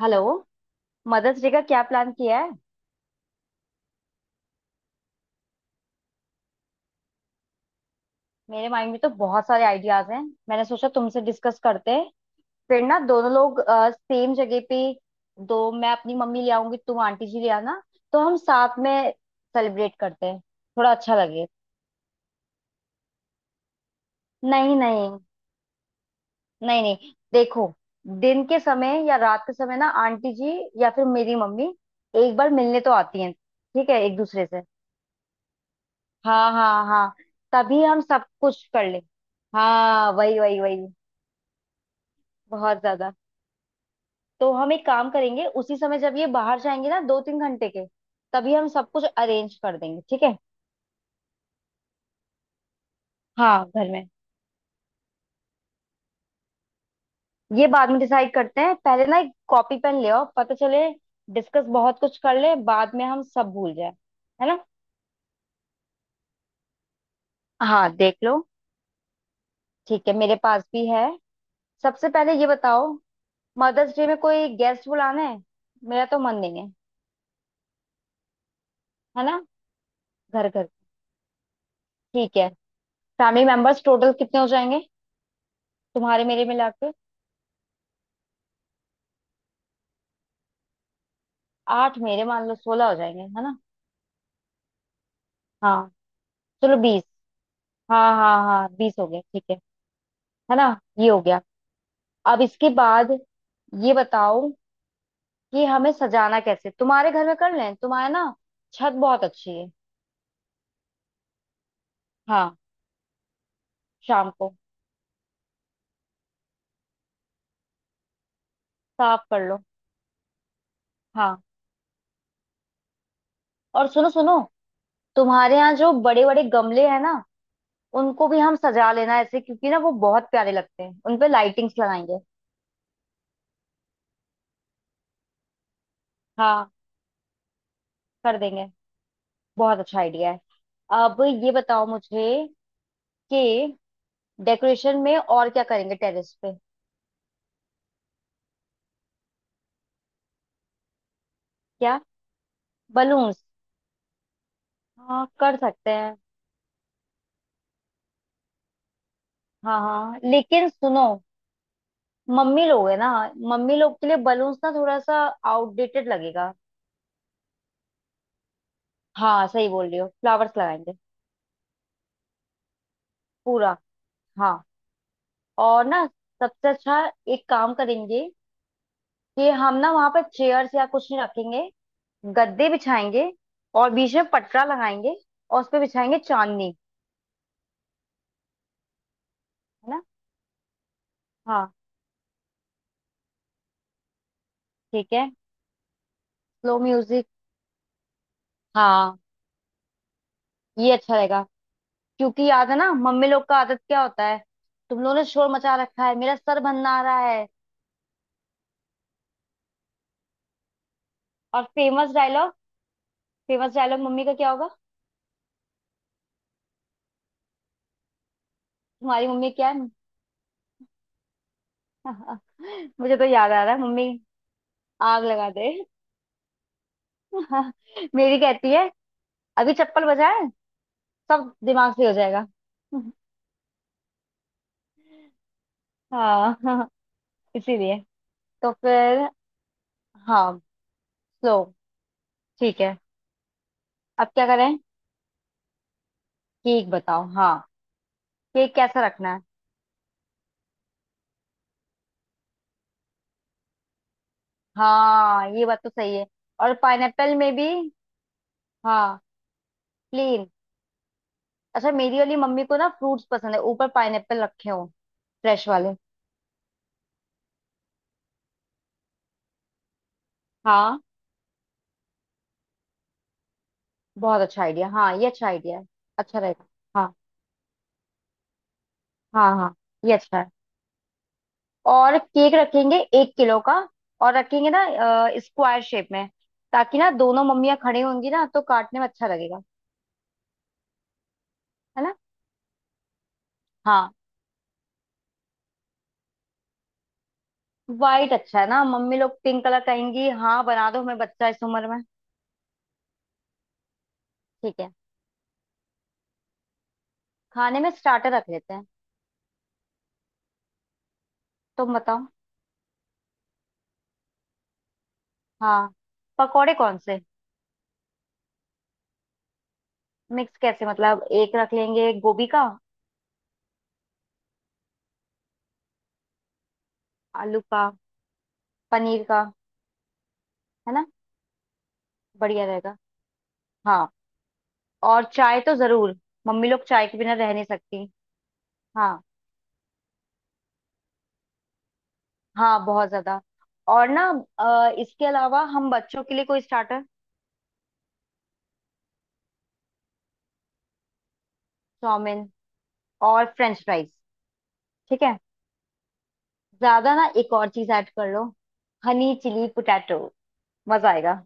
Hello. Mother's day का क्या plan किया है? मेरे माइंड में तो बहुत सारे आइडियाज हैं। मैंने सोचा तुमसे डिस्कस करते हैं। फिर ना दोनों लोग सेम जगह पे। दो, मैं अपनी मम्मी ले आऊंगी, तुम आंटी जी ले आना। तो हम साथ में सेलिब्रेट करते हैं। थोड़ा अच्छा लगे। नहीं नहीं। नहीं नहीं। देखो। दिन के समय या रात के समय ना आंटी जी या फिर मेरी मम्मी एक बार मिलने तो आती हैं, ठीक है, एक दूसरे से। हाँ हाँ हाँ। तभी हम सब कुछ कर ले। हाँ वही वही वही। बहुत ज्यादा। तो हम एक काम करेंगे उसी समय जब ये बाहर जाएंगे ना 2 3 घंटे के। तभी हम सब कुछ अरेंज कर देंगे, ठीक है। हाँ घर में। ये बाद में डिसाइड करते हैं, पहले ना एक कॉपी पेन ले आओ, पता चले। डिस्कस बहुत कुछ कर ले, बाद में हम सब भूल जाए। है ना। हाँ देख लो। ठीक है, मेरे पास भी है। सबसे पहले ये बताओ, मदर्स डे में कोई गेस्ट बुलाना है? मेरा तो मन नहीं है। है ना। घर घर। ठीक है। फैमिली मेंबर्स टोटल कितने हो जाएंगे? तुम्हारे मेरे मिला। 8 मेरे मान लो, 16 हो जाएंगे है ना। हाँ चलो 20। हाँ हाँ हाँ 20 हो गए, ठीक है। है ना। ये हो गया। अब इसके बाद ये बताओ कि हमें सजाना कैसे। तुम्हारे घर में कर लें, तुम्हारे ना छत बहुत अच्छी है। हाँ शाम को साफ कर लो। हाँ और सुनो सुनो, तुम्हारे यहाँ जो बड़े बड़े गमले हैं ना उनको भी हम सजा लेना ऐसे, क्योंकि ना वो बहुत प्यारे लगते हैं, उनपे लाइटिंग्स लगाएंगे। हाँ कर देंगे। बहुत अच्छा आइडिया है। अब ये बताओ मुझे कि डेकोरेशन में और क्या करेंगे टेरेस पे? क्या? बलून्स? हाँ कर सकते हैं। हाँ हाँ लेकिन सुनो, मम्मी लोग है ना, मम्मी लोग के लिए बलून्स ना थोड़ा सा आउटडेटेड लगेगा। हाँ सही बोल रही हो, फ्लावर्स लगाएंगे। पूरा, हाँ। और ना, सबसे अच्छा एक काम करेंगे कि हम ना वहां पर चेयर्स या कुछ नहीं रखेंगे। गद्दे बिछाएंगे और बीच में पटरा लगाएंगे। और उस पे बिछाएंगे चांदनी। है ना। हाँ ठीक है। Slow music. हाँ ये अच्छा रहेगा, क्योंकि याद है ना मम्मी लोग का आदत क्या होता है। तुम लोगों ने शोर मचा रखा है, मेरा सर भन्ना आ रहा है। और फेमस डायलॉग। फेमस डायलॉग मम्मी का क्या होगा? तुम्हारी मम्मी क्या है? मुझे तो याद आ रहा है, मम्मी आग लगा दे। मेरी कहती है, अभी चप्पल बजाए, सब दिमाग से हो जाएगा। हाँ हाँ इसीलिए। तो फिर हाँ। सो ठीक है। अब क्या करें। केक बताओ, हाँ। केक कैसा रखना है? हाँ ये बात तो सही है। और पाइनएप्पल में भी, हाँ, प्लेन। अच्छा, मेरी वाली मम्मी को ना फ्रूट्स पसंद है, ऊपर पाइनएप्पल रखे हो, फ्रेश वाले। हाँ बहुत अच्छा आइडिया। हाँ ये अच्छा आइडिया है। अच्छा रहेगा। हाँ हाँ हाँ ये अच्छा है। और केक रखेंगे 1 किलो का। और रखेंगे ना स्क्वायर शेप में, ताकि ना दोनों मम्मियाँ खड़ी होंगी ना तो काटने में अच्छा लगेगा। है ना। हाँ वाइट अच्छा है ना, मम्मी लोग पिंक कलर कहेंगी, हाँ बना दो हमें, बच्चा है इस उम्र में। ठीक है। खाने में स्टार्टर रख लेते हैं। तुम बताओ। हाँ पकौड़े कौन से? मिक्स कैसे मतलब, एक रख लेंगे गोभी का, आलू का, पनीर का, है ना। बढ़िया रहेगा। हाँ और चाय तो जरूर, मम्मी लोग चाय के बिना रह नहीं सकती। हाँ हाँ बहुत ज्यादा। और ना इसके अलावा हम बच्चों के लिए कोई स्टार्टर। चाउमीन और फ्रेंच फ्राइज, ठीक है। ज्यादा ना एक और चीज ऐड कर लो, हनी चिली पोटैटो, मजा आएगा।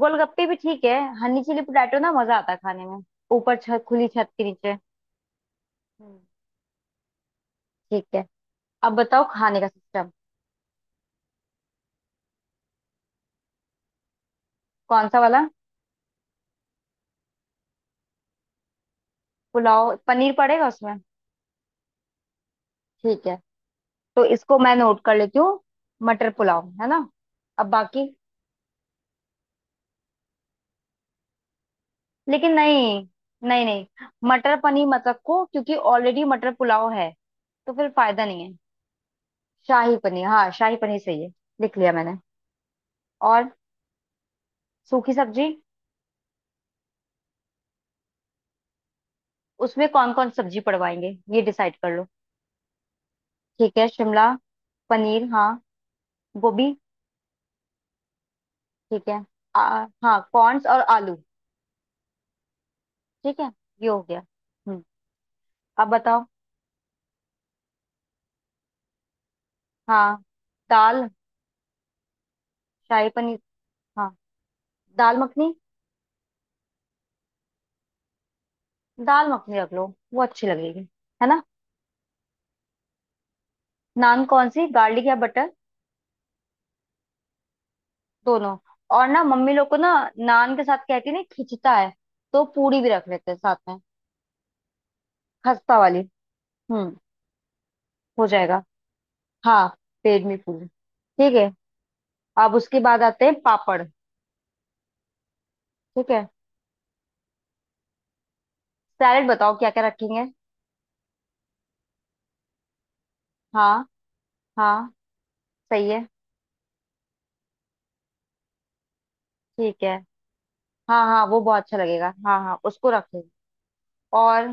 गोलगप्पे भी ठीक है, हनी चिली पोटैटो ना मजा आता है खाने में, ऊपर छत, खुली छत के नीचे। हम्म, ठीक है। अब बताओ खाने का सिस्टम। कौन सा वाला? पुलाव, पनीर पड़ेगा उसमें। ठीक है, तो इसको मैं नोट कर लेती हूँ। मटर पुलाव, है ना। अब बाकी। लेकिन नहीं। नहीं नहीं, मटर पनीर मत रखो क्योंकि ऑलरेडी मटर पुलाव है। तो फिर फायदा नहीं है। शाही पनीर हाँ, शाही पनीर सही है। लिख लिया मैंने। और सूखी सब्जी। उसमें कौन कौन सब्जी पड़वाएंगे? ये डिसाइड कर लो। ठीक है शिमला, पनीर हाँ, गोभी, ठीक है। हाँ कॉर्न्स और आलू। ठीक है, ये हो गया। हम्म। अब बताओ। हाँ दाल। शाही पनीर। हाँ दाल मखनी। दाल मखनी रख लो, वो अच्छी लगेगी। है ना। नान कौन सी, गार्लिक या बटर? दोनों। और ना मम्मी लोग को ना नान के साथ कहती है ना खिंचता है, तो पूरी भी रख लेते हैं साथ में। खस्ता वाली। हम्म। हो जाएगा। हाँ पेट में पूरी ठीक है। अब उसके बाद आते हैं पापड़। ठीक है। सैलेड बताओ क्या क्या रखेंगे। हाँ हाँ सही है। ठीक है हाँ हाँ वो बहुत अच्छा लगेगा, हाँ हाँ उसको रखें। और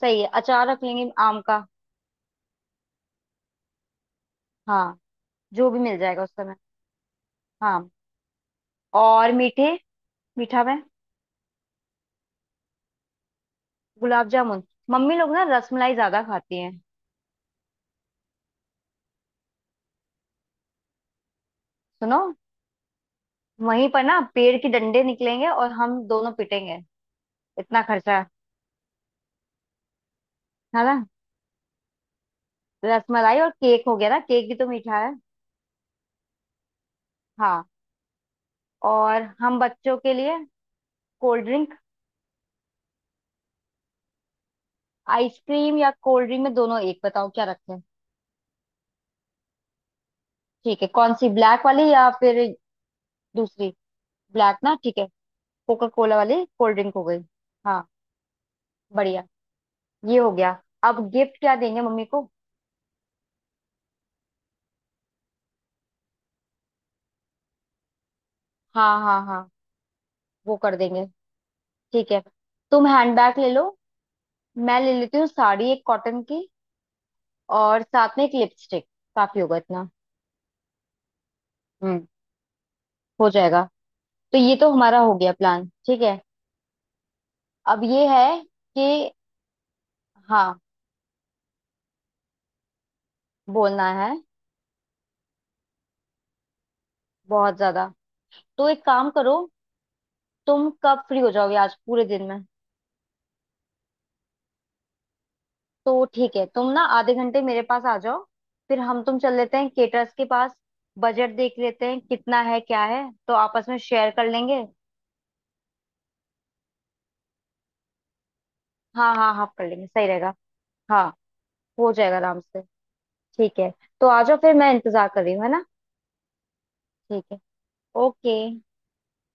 सही है, अचार रख लेंगे आम का। हाँ जो भी मिल जाएगा उस समय। हाँ और मीठे, मीठा में गुलाब जामुन। मम्मी लोग ना रसमलाई ज्यादा खाती हैं। सुनो, वहीं पर ना पेड़ के डंडे निकलेंगे और हम दोनों पिटेंगे। इतना खर्चा। है ना, रसमलाई और केक हो गया ना, केक भी तो मीठा है। हाँ। और हम बच्चों के लिए कोल्ड ड्रिंक। आइसक्रीम या कोल्ड ड्रिंक में दोनों, एक बताओ क्या रखें। ठीक है कौन सी, ब्लैक वाली या फिर दूसरी। ब्लैक ना ठीक है। कोका कोला वाली कोल्ड ड्रिंक हो गई। हाँ बढ़िया। ये हो गया। अब गिफ्ट क्या देंगे मम्मी को? हाँ हाँ हाँ, वो कर देंगे। ठीक है, तुम हैंडबैग ले लो। मैं ले लेती हूँ साड़ी एक कॉटन की और साथ में एक लिपस्टिक। काफी होगा इतना। हम्म। हो जाएगा। तो ये तो हमारा हो गया प्लान, ठीक है। अब ये है कि हाँ बोलना है बहुत ज्यादा। तो एक काम करो, तुम कब फ्री हो जाओगे आज पूरे दिन में? तो ठीक है, तुम ना आधे घंटे मेरे पास आ जाओ। फिर हम तुम चल लेते हैं केटर्स के पास, बजट देख लेते हैं कितना है क्या है तो आपस में शेयर कर लेंगे। हाँ हाँ हाफ कर लेंगे, सही रहेगा। हाँ हो जाएगा आराम से। ठीक है। तो आ जाओ, फिर मैं इंतजार कर रही हूँ, है ना। ठीक है। ओके।